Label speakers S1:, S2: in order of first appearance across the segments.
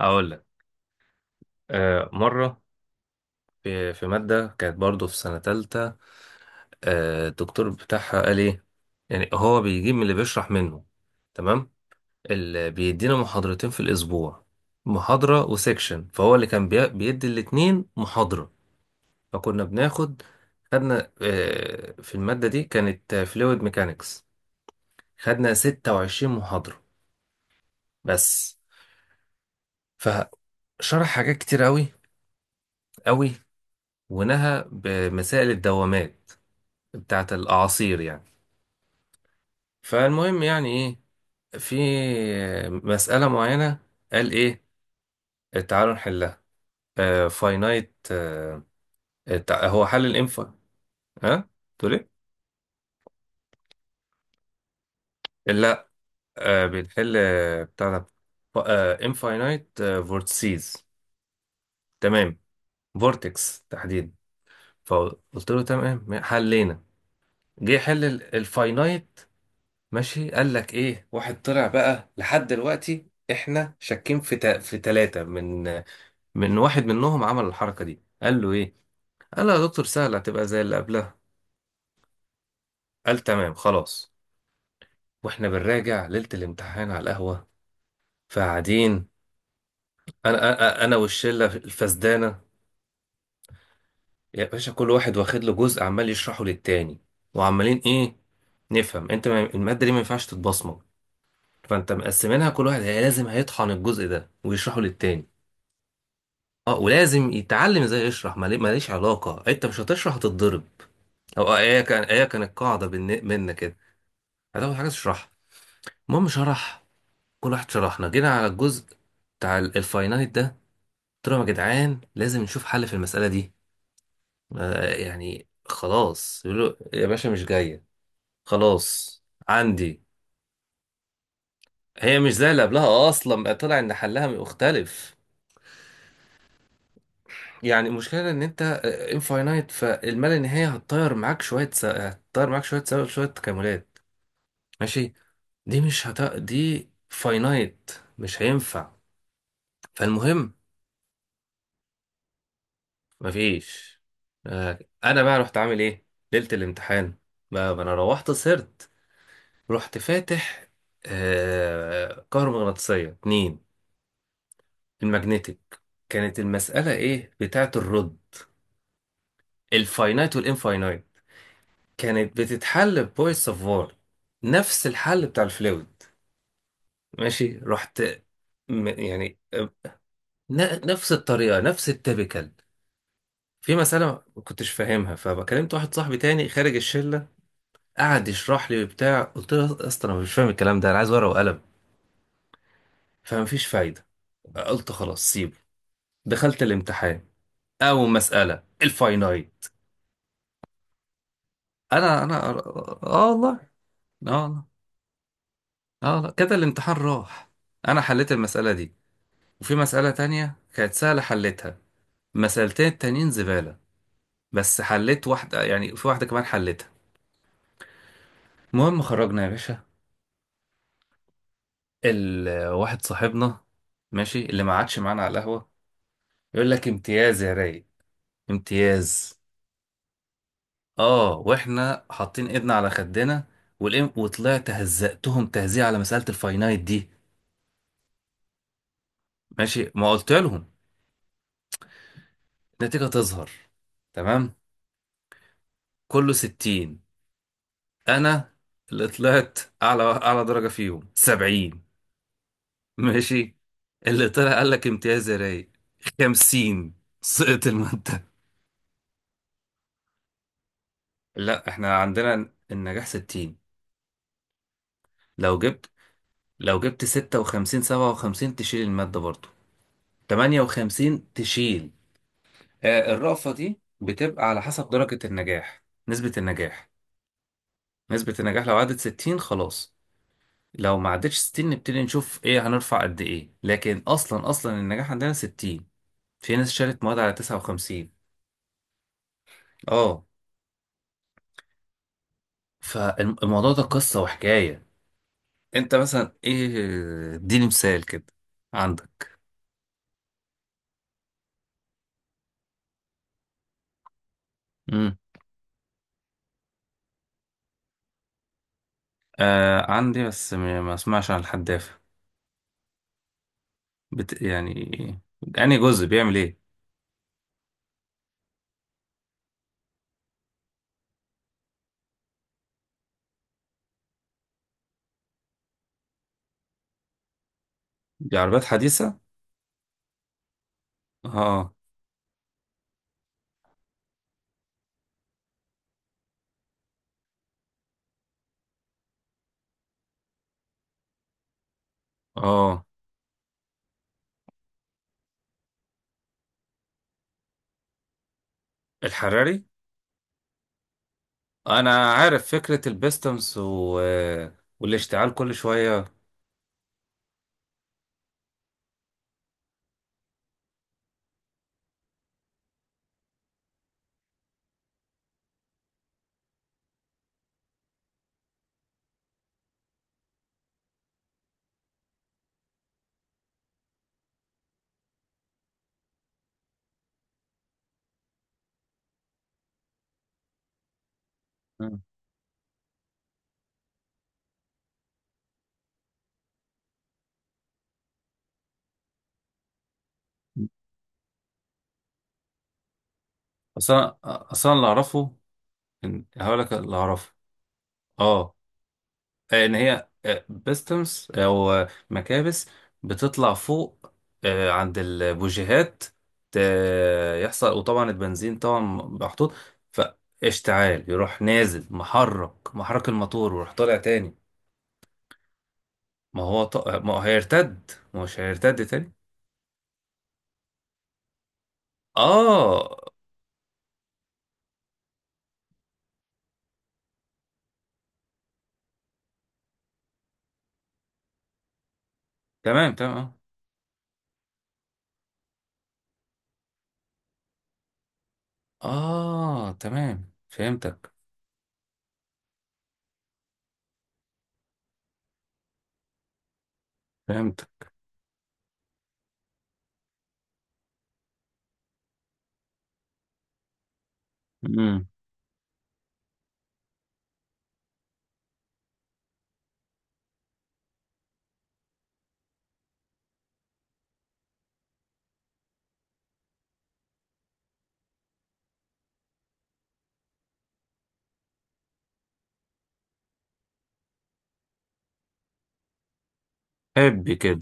S1: اقول لك، مره في ماده كانت برضو في سنه تالتة. الدكتور بتاعها قال ايه؟ يعني هو بيجيب من اللي بيشرح منه. تمام. اللي بيدينا محاضرتين في الاسبوع، محاضره وسيكشن، فهو اللي كان بيدي الاتنين محاضره. فكنا خدنا، في الماده دي، كانت فلويد ميكانيكس. خدنا 26 محاضره بس. فشرح حاجات كتير قوي قوي، ونهى بمسائل الدوامات بتاعت الأعاصير يعني. فالمهم يعني إيه، في مسألة معينة، قال إيه، تعالوا نحلها. فاينايت هو حل الإنفا. ها، تقول إيه؟ لا، بنحل بتاع ده. انفاينايت فورتسيز، تمام، فورتكس تحديدا. فقلت له تمام حلينا. جه يحل الفاينايت. ماشي، قال لك ايه؟ واحد طلع بقى، لحد دلوقتي احنا شاكين في في ثلاثة، من واحد منهم عمل الحركة دي. قال له ايه؟ قال له يا دكتور سهلة، هتبقى زي اللي قبلها. قال تمام خلاص. واحنا بنراجع ليلة الامتحان على القهوة، فقاعدين. انا انا أنا والشلة الفسدانة، يا باشا، كل واحد واخد له جزء، عمال يشرحه للتاني. وعمالين ايه؟ نفهم. انت المادة دي ما ينفعش تتبصمج. فانت مقسمينها، كل واحد لازم هيطحن الجزء ده ويشرحه للتاني. اه، ولازم يتعلم ازاي يشرح، ماليش علاقة، انت مش هتشرح هتتضرب. او ايه كانت قاعدة منك كده. هتاخد حاجة تشرحها. المهم شرح، كل واحد شرحنا، جينا على الجزء بتاع الفاينانت ده. قلت لهم يا جدعان لازم نشوف حل في المسألة دي. يعني خلاص يقولوا يا باشا مش جاية، خلاص عندي. هي مش زي اللي قبلها اصلا، بقى طلع ان حلها مختلف. يعني المشكلة ان انت انفاينايت، فالما لا نهاية هتطير معاك شوية شوية تكاملات. ماشي، دي فاينايت، مش هينفع. فالمهم مفيش. انا بقى رحت عامل ايه؟ ليله الامتحان بقى، ما انا روحت سهرت. رحت فاتح كهرومغناطيسيه اتنين، الماجنتيك. كانت المساله ايه؟ بتاعه الرد، الفاينايت والانفاينايت، كانت بتتحل ببويس سافار، نفس الحل بتاع الفلويد. ماشي، رحت، يعني نفس الطريقه، نفس التبكال. في مسألة ما كنتش فاهمها، فكلمت واحد صاحبي تاني خارج الشلة، قعد يشرح لي وبتاع. قلت له يا اسطى انا مش فاهم الكلام ده، انا عايز ورقه وقلم. فمفيش فايده، قلت خلاص سيبه. دخلت الامتحان، اول مساله الفاينايت. انا انا اه آه، والله، اه والله، اه والله، كده الامتحان راح. انا حليت المساله دي، وفي مساله تانية كانت سهله حليتها، مسالتين التانيين زباله. بس حليت واحده، يعني في واحده كمان حليتها. المهم خرجنا يا باشا، واحد صاحبنا ماشي، اللي ما عادش معانا على القهوه، يقول لك امتياز يا رايق، امتياز. اه، واحنا حاطين ايدنا على خدنا والام. وطلعت هزقتهم تهزيء على مسألة الفاينايت دي. ماشي، ما قلت لهم النتيجة تظهر. تمام، كله 60، انا، اللي طلعت اعلى درجة فيهم 70. ماشي، اللي طلع قال لك امتياز يا رايق 50، سقط المادة. لا، احنا عندنا النجاح 60. لو جبت لو جبت 56 57 تشيل المادة برضو، 58 تشيل. الرأفة دي بتبقى على حسب درجة النجاح نسبة النجاح. نسبة النجاح لو عدت 60 خلاص، لو ما عدتش 60 نبتدي نشوف ايه هنرفع قد ايه، لكن اصلا اصلا النجاح عندنا 60. في ناس شالت مواد على 59. اه، فالموضوع ده قصة وحكاية. انت مثلا ايه، اديني مثال كده، عندك. امم عندي، بس ما اسمعش عن الحدافة. يعني انهي جزء بيعمل ايه؟ دي عربيات حديثة؟ اه. اه، الحراري. انا عارف فكرة البيستمز والاشتعال كل شوية. مم. اصلا اصلا اللي اعرفه، هقول لك اللي اعرفه. اه، ان هي بيستمز او مكابس بتطلع فوق عند البوجيهات، ت- يحصل، وطبعا البنزين طبعا محطوط، فاشتعال، يروح نازل محرك الموتور، ويروح طالع تاني. ما هو مش هيرتد تاني. اه، تمام تمام. تمام، فهمتك. فهمتك. امم حب كده.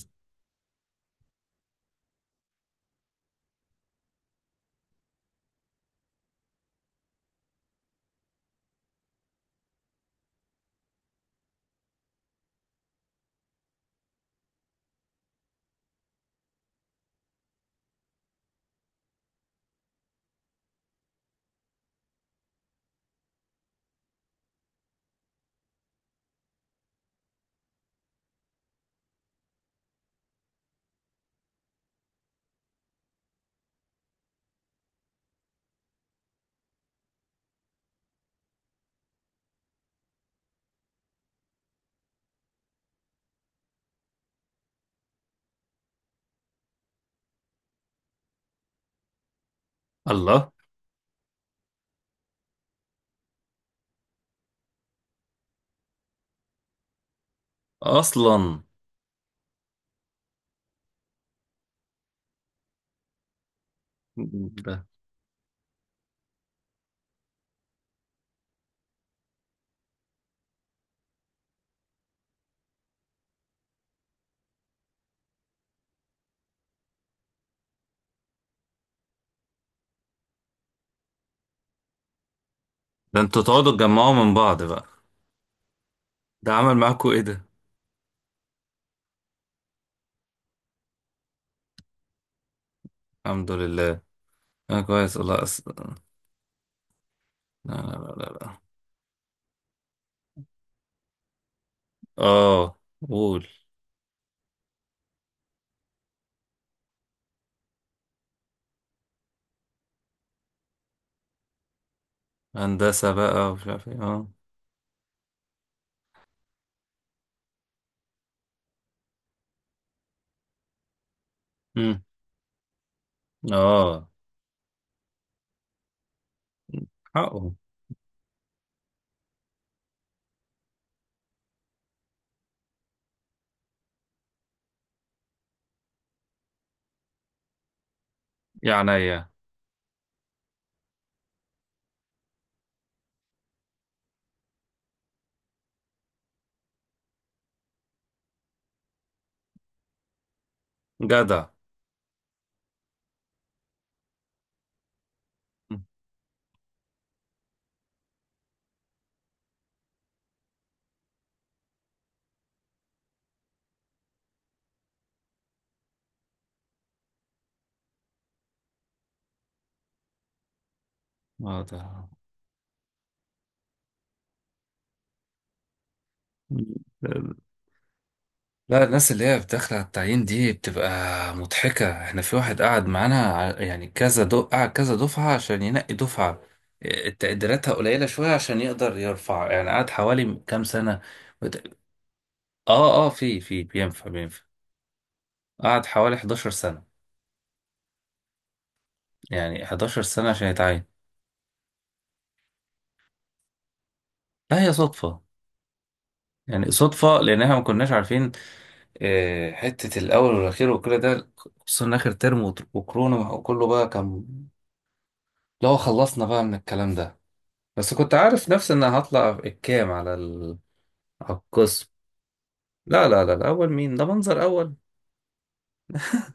S1: الله. أصلا. ده ده انتوا تقعدوا تجمعوا من بعض بقى؟ ده عمل معاكوا إيه ده؟ الحمد لله. أنا كويس والله، لا. لا لا لا لا. آه قول. هندسة بقى ومش عارف إيه. امم آه حقه. يا عينيا، جدع. مم. آه ده. لا، الناس اللي هي بتدخل على التعيين دي بتبقى مضحكة. احنا في واحد قعد معانا، يعني كذا قعد كذا دفعة عشان ينقي دفعة، إيه، تقديراتها قليلة شوية عشان يقدر يرفع، يعني قعد حوالي كام سنة. وت- اه اه، في بينفع بينفع. قعد حوالي 11 سنة، يعني 11 سنة عشان يتعين. لا، هي صدفة. يعني صدفة، لأن احنا ما كناش عارفين حتة الأول والأخير وكل ده، خصوصا إن آخر ترم، وكورونا، وكله بقى كان. لو خلصنا بقى من الكلام ده، بس كنت عارف نفسي ان هطلع الكام على على القسم. لا لا لا، الاول مين؟ ده منظر اول.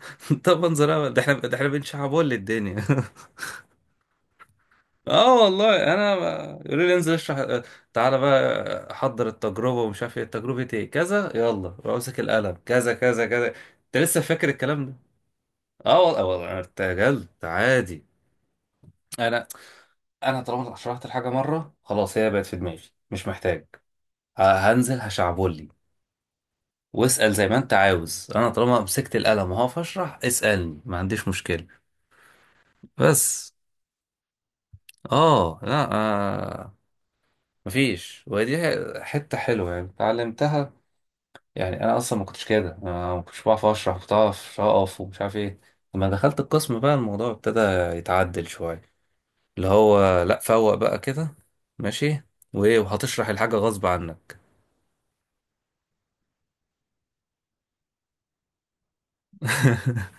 S1: ده منظر اول، ده احنا بنشعبول للدنيا. اه والله، انا يقولوا لي انزل اشرح، تعالى بقى حضر التجربه ومش عارف ايه، تجربه ايه كذا، يلا امسك القلم، كذا كذا كذا. انت لسه فاكر الكلام ده؟ اه والله، والله، انا ارتجلت عادي. انا انا طالما شرحت الحاجه مره، خلاص هي بقت في دماغي، مش محتاج. ه- هنزل هشعبول، واسأل زي ما انت عاوز، انا طالما مسكت القلم وهقف اشرح، اسألني ما عنديش مشكلة. بس اه، لا مفيش. ودي حتة حلوة يعني، اتعلمتها. يعني انا اصلا ما كنتش كده، أنا ما كنتش بعرف اشرح، كنت بعرف اقف ومش عارف ايه. لما دخلت القسم بقى، الموضوع ابتدى يتعدل شوية، اللي هو لا، فوق بقى كده. ماشي. وايه، وهتشرح الحاجة غصب عنك.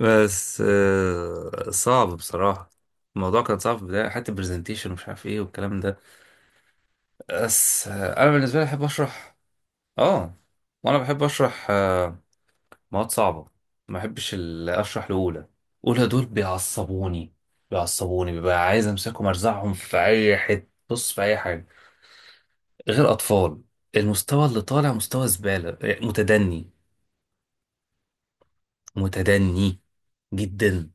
S1: بس صعب بصراحة. الموضوع كان صعب في البداية، حتى برزنتيشن ومش عارف ايه والكلام ده. بس انا بالنسبة لي بحب اشرح. اه، وانا بحب اشرح مواد صعبة. ما بحبش اشرح لأولى. أولى دول بيعصبوني، ببقى عايز امسكهم ارزعهم في اي حتة، بص في اي حاجة. غير اطفال، المستوى اللي طالع مستوى زبالة، متدني، متدني جدا.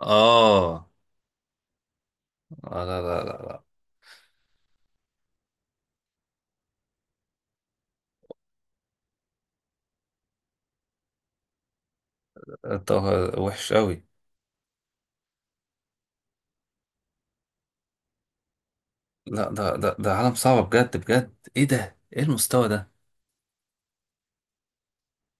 S1: اه، لا لا لا، ده وحش قوي. لا، ده عالم صعب بجد بجد. ايه ده، ايه المستوى ده؟